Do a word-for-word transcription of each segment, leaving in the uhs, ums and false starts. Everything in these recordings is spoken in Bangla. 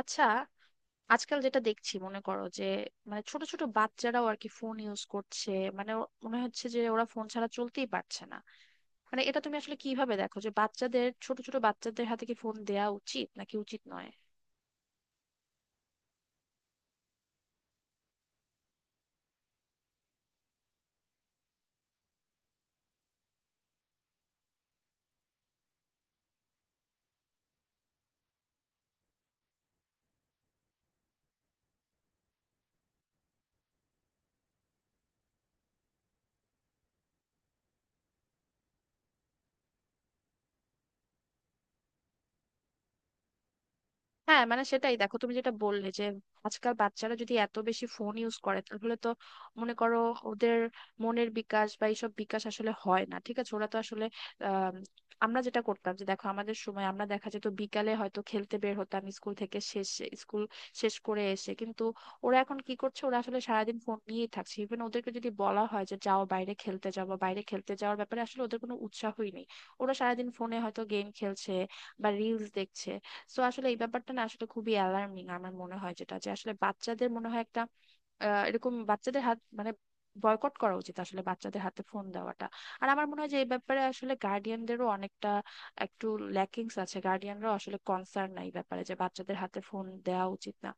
আচ্ছা, আজকাল যেটা দেখছি মনে করো যে মানে ছোট ছোট বাচ্চারাও আর কি ফোন ইউজ করছে। মানে ও- মনে হচ্ছে যে ওরা ফোন ছাড়া চলতেই পারছে না। মানে এটা তুমি আসলে কিভাবে দেখো যে বাচ্চাদের ছোট ছোট বাচ্চাদের হাতে কি ফোন দেয়া উচিত নাকি উচিত নয়? হ্যাঁ, মানে সেটাই, দেখো তুমি যেটা বললে যে আজকাল বাচ্চারা যদি এত বেশি ফোন ইউজ করে তাহলে তো মনে করো ওদের মনের বিকাশ বা এইসব বিকাশ আসলে হয় না। ঠিক আছে, ওরা তো আসলে আম, আমরা যেটা করতাম যে দেখো আমাদের সময় আমরা দেখা যেত বিকালে হয়তো খেলতে বের হতাম, স্কুল থেকে শেষ স্কুল শেষ করে এসে। কিন্তু ওরা এখন কি করছে? ওরা আসলে সারাদিন ফোন নিয়েই থাকছে। ইভেন ওদেরকে যদি বলা হয় যে যাও বাইরে খেলতে যাও, বা বাইরে খেলতে যাওয়ার ব্যাপারে আসলে ওদের কোনো উৎসাহই নেই। ওরা সারাদিন ফোনে হয়তো গেম খেলছে বা রিলস দেখছে। সো আসলে এই ব্যাপারটা না আসলে খুবই অ্যালার্মিং আমার মনে হয়, যেটা যে আসলে বাচ্চাদের মনে হয় একটা আহ, এরকম বাচ্চাদের হাত মানে বয়কট করা উচিত আসলে, বাচ্চাদের হাতে ফোন দেওয়াটা। আর আমার মনে হয় যে এই ব্যাপারে আসলে গার্ডিয়ানদেরও অনেকটা একটু ল্যাকিংস আছে। গার্ডিয়ানরাও আসলে কনসার্ন নাই এই ব্যাপারে যে বাচ্চাদের হাতে ফোন দেওয়া উচিত না।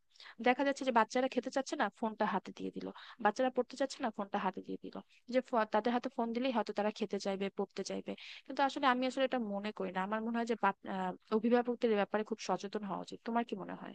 দেখা যাচ্ছে যে বাচ্চারা খেতে চাচ্ছে না, ফোনটা হাতে দিয়ে দিল। বাচ্চারা পড়তে চাচ্ছে না, ফোনটা হাতে দিয়ে দিল। যে ফ- তাদের হাতে ফোন দিলেই হয়তো তারা খেতে চাইবে, পড়তে চাইবে। কিন্তু আসলে আমি আসলে এটা মনে করি না। আমার মনে হয় যে বাপ- আহ, অভিভাবকদের এ ব্যাপারে খুব সচেতন হওয়া উচিত। তোমার কি মনে হয়?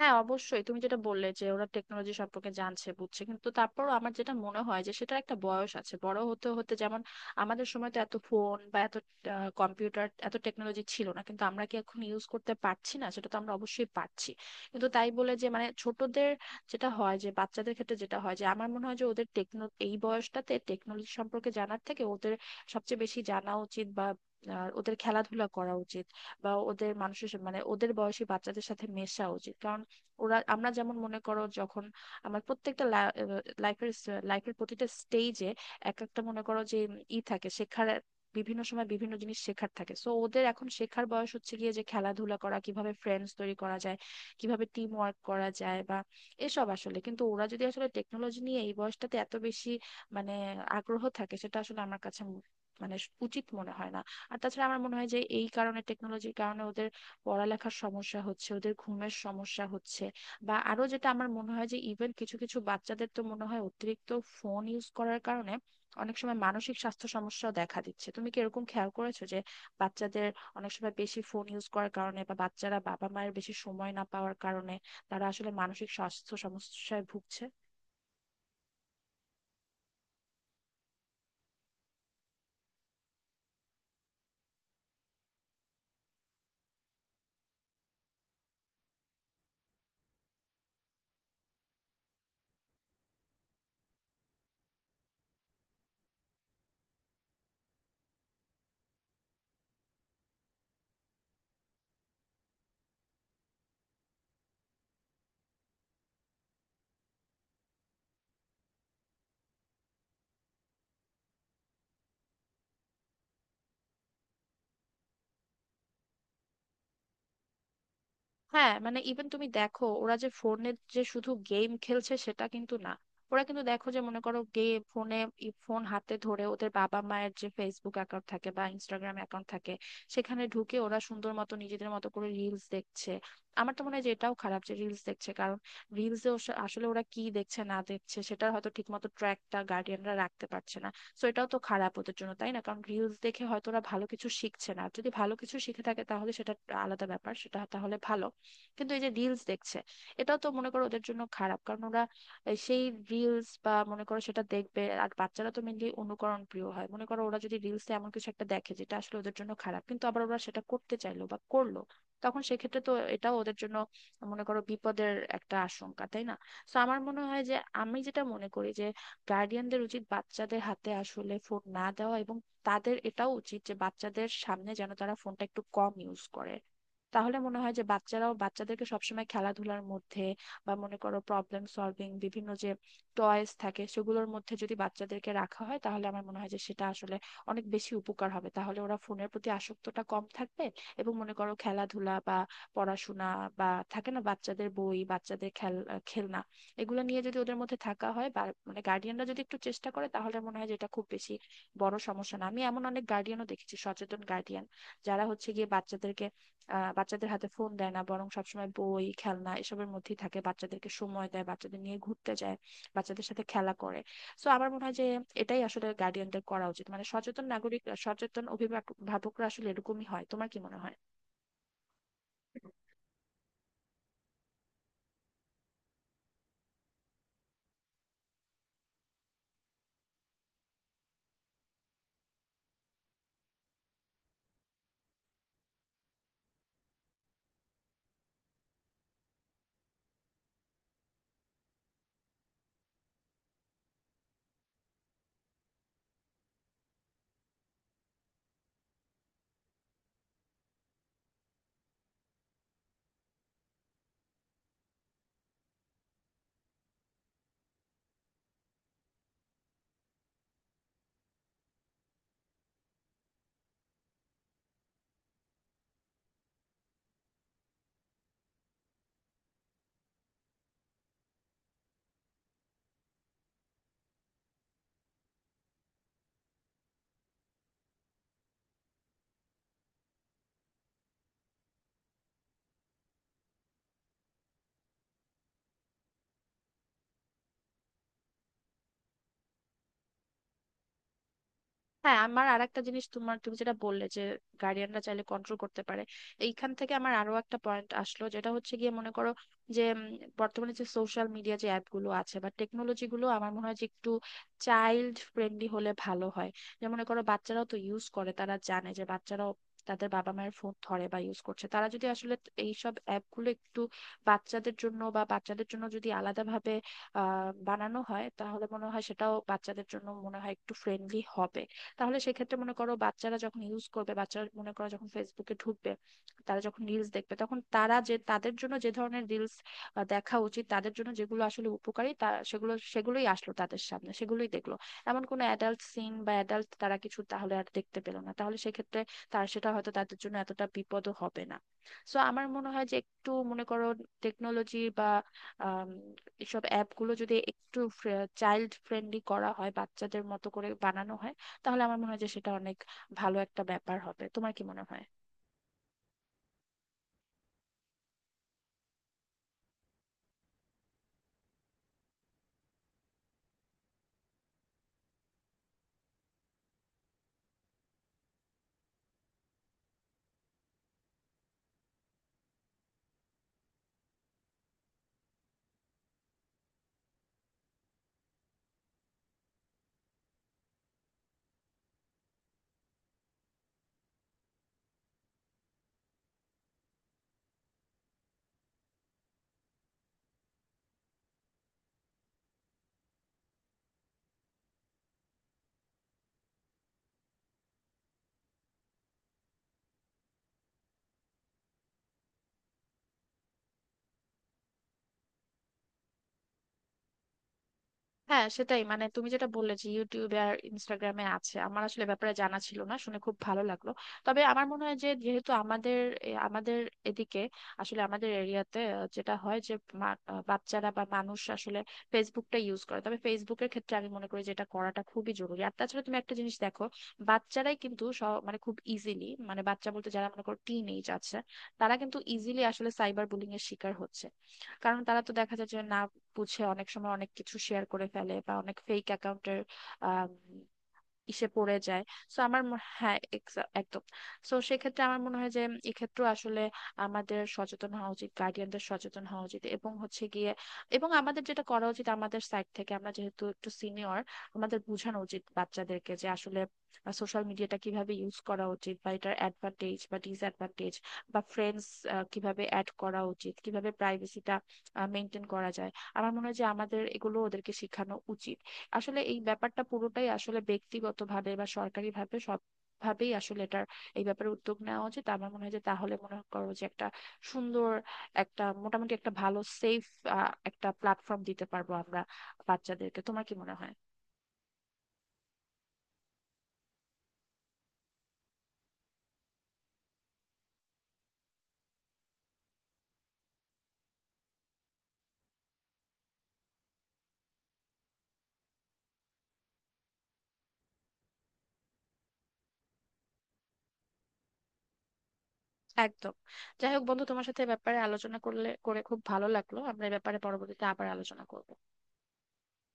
হ্যাঁ, অবশ্যই। তুমি যেটা বললে যে ওরা টেকনোলজি সম্পর্কে জানছে, বুঝছে, কিন্তু তারপরও আমার যেটা মনে হয় যে সেটার একটা বয়স আছে, বড় হতে হতে। যেমন আমাদের সময় তো এত ফোন বা এত কম্পিউটার, এত টেকনোলজি ছিল না, কিন্তু আমরা কি এখন ইউজ করতে পারছি না? সেটা তো আমরা অবশ্যই পারছি। কিন্তু তাই বলে যে মানে ছোটদের যেটা হয় যে বাচ্চাদের ক্ষেত্রে যেটা হয় যে আমার মনে হয় যে ওদের টেকনো এই বয়সটাতে টেকনোলজি সম্পর্কে জানার থেকে ওদের সবচেয়ে বেশি জানা উচিত বা আহ, ওদের খেলাধুলা করা উচিত, বা ওদের মানুষের সাথে- মানে ওদের বয়সী বাচ্চাদের সাথে মেশা উচিত। কারণ ওরা আমরা যেমন মনে করো যখন আমার প্রত্যেকটা লাইফের লাইফের প্রতিটা স্টেজে এক একটা মনে করো যে ই থাকে শেখার, বিভিন্ন সময় বিভিন্ন জিনিস শেখার থাকে। সো ওদের এখন শেখার বয়স হচ্ছে গিয়ে যে খেলাধুলা করা, কিভাবে ফ্রেন্ডস তৈরি করা যায়, কিভাবে টিম ওয়ার্ক করা যায় বা এসব। আসলে কিন্তু ওরা যদি আসলে টেকনোলজি নিয়ে এই বয়সটাতে এত বেশি মানে আগ্রহ থাকে, সেটা আসলে আমার কাছে ম- মানে উচিত মনে হয় না। আর তাছাড়া আমার মনে হয় যে এই কারণে টেকনোলজির কারণে ওদের পড়ালেখার সমস্যা হচ্ছে, ওদের ঘুমের সমস্যা হচ্ছে, বা আরো যেটা আমার মনে হয় যে ইভেন কিছু কিছু বাচ্চাদের তো মনে হয় অতিরিক্ত ফোন ইউজ করার কারণে অনেক সময় মানসিক স্বাস্থ্য সমস্যাও দেখা দিচ্ছে। তুমি কি এরকম খেয়াল করেছো যে বাচ্চাদের অনেক সময় বেশি ফোন ইউজ করার কারণে বা বাচ্চারা বাবা মায়ের বেশি সময় না পাওয়ার কারণে তারা আসলে মানসিক স্বাস্থ্য সমস্যায় ভুগছে? হ্যাঁ মানে ইভেন তুমি দেখো ওরা যে ফোনে যে শুধু গেম খেলছে সেটা কিন্তু না। ওরা কিন্তু দেখো যে মনে করো গেম ফোনে ফোন হাতে ধরে ওদের বাবা মায়ের যে ফেসবুক অ্যাকাউন্ট থাকে বা ইনস্টাগ্রাম অ্যাকাউন্ট থাকে সেখানে ঢুকে ওরা সুন্দর মতো নিজেদের মতো করে রিলস দেখছে। আমার তো মনে হয় যে এটাও খারাপ যে রিলস দেখছে, কারণ রিলসে আসলে ওরা কি দেখছে না দেখছে সেটার হয়তো ঠিকমতো ট্র্যাকটা গার্ডিয়ানরা রাখতে পারছে না। সো এটাও তো খারাপ ওদের জন্য, তাই না? কারণ রিলস দেখে হয়তো ওরা ভালো কিছু শিখছে না। আর যদি ভালো কিছু শিখে থাকে তাহলে সেটা আলাদা ব্যাপার, সেটা তাহলে ভালো। কিন্তু এই যে রিলস দেখছে, এটাও তো মনে করো ওদের জন্য খারাপ, কারণ ওরা এই সেই রিলস বা মনে করো সেটা দেখবে আর বাচ্চারা তো মেনলি অনুকরণ প্রিয় হয়। মনে করো ওরা যদি রিলসে এমন কিছু একটা দেখে যেটা আসলে ওদের জন্য খারাপ, কিন্তু আবার ওরা সেটা করতে চাইলো বা করলো, তখন সেক্ষেত্রে তো এটাও ওদের জন্য মনে করো বিপদের একটা আশঙ্কা, তাই না? তো আমার মনে হয় যে আমি যেটা মনে করি যে গার্ডিয়ানদের উচিত বাচ্চাদের হাতে আসলে ফোন না দেওয়া, এবং তাদের এটাও উচিত যে বাচ্চাদের সামনে যেন তারা ফোনটা একটু কম ইউজ করে। তাহলে মনে হয় যে বাচ্চারাও বাচ্চাদেরকে সবসময় খেলাধুলার মধ্যে বা মনে করো প্রবলেম সলভিং বিভিন্ন যে টয়েস থাকে সেগুলোর মধ্যে যদি বাচ্চাদেরকে রাখা হয় তাহলে আমার মনে হয় যে সেটা আসলে অনেক বেশি উপকার হবে। তাহলে ওরা ফোনের প্রতি আসক্তটা কম থাকবে। এবং মনে করো খেলাধুলা বা পড়াশোনা বা থাকে না, বাচ্চাদের বই, বাচ্চাদের খেল খেলনা, এগুলো নিয়ে যদি ওদের মধ্যে থাকা হয় বা মানে গার্ডিয়ানরা যদি একটু চেষ্টা করে তাহলে মনে হয় যে এটা খুব বেশি বড় সমস্যা না। আমি এমন অনেক গার্ডিয়ানও দেখেছি, সচেতন গার্ডিয়ান, যারা হচ্ছে গিয়ে বাচ্চাদেরকে আহ বাচ্চাদের হাতে ফোন দেয় না, বরং সবসময় বই, খেলনা এসবের মধ্যেই থাকে, বাচ্চাদেরকে সময় দেয়, বাচ্চাদের নিয়ে ঘুরতে যায়, বাচ্চাদের সাথে খেলা করে। সো আমার মনে হয় যে এটাই আসলে গার্ডিয়ানদের করা উচিত। মানে সচেতন নাগরিক, সচেতন অভিভাবক- অভিভাবকরা আসলে এরকমই হয়। তোমার কি মনে হয়? হ্যাঁ, আমার আর একটা জিনিস, তোমার তুমি যেটা বললে যে গার্ডিয়ানরা চাইলে কন্ট্রোল করতে পারে, এইখান থেকে আমার আরো একটা পয়েন্ট আসলো, যেটা হচ্ছে গিয়ে মনে করো যে উম, বর্তমানে যে সোশ্যাল মিডিয়া যে অ্যাপ গুলো আছে বা টেকনোলজি গুলো, আমার মনে হয় যে একটু চাইল্ড ফ্রেন্ডলি হলে ভালো হয়। যে মনে করো বাচ্চারাও তো ইউজ করে, তারা জানে যে বাচ্চারাও তাদের বাবা মায়ের ফোন ধরে বা ইউজ করছে। তারা যদি আসলে এইসব অ্যাপ গুলো একটু বাচ্চাদের জন্য বা বাচ্চাদের জন্য যদি আলাদাভাবে আহ বানানো হয় তাহলে মনে হয় সেটাও বাচ্চাদের জন্য মনে হয় একটু ফ্রেন্ডলি হবে। তাহলে সেক্ষেত্রে মনে করো বাচ্চারা যখন ইউজ করবে, বাচ্চারা মনে করো যখন ফেসবুকে ঢুকবে, তারা যখন রিলস দেখবে, তখন তারা যে তাদের জন্য যে ধরনের রিলস দেখা উচিত, তাদের জন্য যেগুলো আসলে উপকারী, তা সেগুলো সেগুলোই আসলো তাদের সামনে, সেগুলোই দেখলো। এমন কোনো অ্যাডাল্ট সিন বা অ্যাডাল্ট তারা কিছু তাহলে আর দেখতে পেলো না, তাহলে সেক্ষেত্রে তার সেটা হয়তো তাদের জন্য এতটা বিপদও হবে না। সো আমার মনে হয় যে একটু মনে করো টেকনোলজি বা আম, এসব অ্যাপ গুলো যদি একটু চাইল্ড ফ্রেন্ডলি করা হয়, বাচ্চাদের মতো করে বানানো হয়, তাহলে আমার মনে হয় যে সেটা অনেক ভালো একটা ব্যাপার হবে। তোমার কি মনে হয়? হ্যাঁ, সেটাই, মানে তুমি যেটা বললে যে ইউটিউবে আর ইনস্টাগ্রামে আছে, আমার আসলে ব্যাপারে জানা ছিল না, শুনে খুব ভালো লাগলো। তবে আমার মনে হয় যে যেহেতু আমাদের এ, আমাদের এদিকে আসলে আমাদের এরিয়াতে যেটা হয় যে মা- আহ, বাচ্চারা বা মানুষ আসলে ফেসবুকটা ইউজ করে, তবে ফেসবুকের ক্ষেত্রে আমি মনে করি যে এটা করাটা খুবই জরুরি। আর তাছাড়া তুমি একটা জিনিস দেখো, বাচ্চারাই কিন্তু সব- মানে খুব ইজিলি, মানে বাচ্চা বলতে যারা মনে করো টিন এজ আছে, তারা কিন্তু ইজিলি আসলে সাইবার বুলিং এর শিকার হচ্ছে। কারণ তারা তো দেখা যায় যে না বুঝে অনেক সময় অনেক কিছু শেয়ার করে ফেলে বা অনেক ফেক অ্যাকাউন্টের ইসে পড়ে যায়। সো আমার মনে- হ্যাঁ, exa- একদম। সো সেক্ষেত্রে আমার মনে হয় যে এক্ষেত্রে আসলে আমাদের সচেতন হওয়া উচিত, গার্ডিয়ানদের সচেতন হওয়া উচিত, এবং হচ্ছে গিয়ে এবং আমাদের যেটা করা উচিত আমাদের সাইড থেকে, আমরা যেহেতু একটু সিনিয়র, আমাদের বোঝানো উচিত বাচ্চাদেরকে যে আসলে সোশ্যাল মিডিয়াটা কিভাবে ইউজ করা উচিত, বা এটার অ্যাডভান্টেজ বা ডিসঅ্যাডভান্টেজ, বা ফ্রেন্ডস কিভাবে অ্যাড করা উচিত, কিভাবে প্রাইভেসিটা মেনটেন করা যায়। আমার মনে হয় যে আমাদের এগুলো ওদেরকে শেখানো উচিত। আসলে এই ব্যাপারটা পুরোটাই আসলে ব্যক্তিগতভাবে বা সরকারিভাবে সব ভাবেই আসলে এটার এই ব্যাপারে উদ্যোগ নেওয়া উচিত আমার মনে হয়। যে তাহলে মনে করো যে একটা সুন্দর একটা মোটামুটি একটা ভালো সেফ একটা প্ল্যাটফর্ম দিতে পারবো আমরা বাচ্চাদেরকে। তোমার কি মনে হয়? একদম। যাই হোক বন্ধু, তোমার সাথে এ ব্যাপারে আলোচনা করলে করে খুব ভালো লাগলো। আমরা এ ব্যাপারে পরবর্তীতে আবার আলোচনা করবো।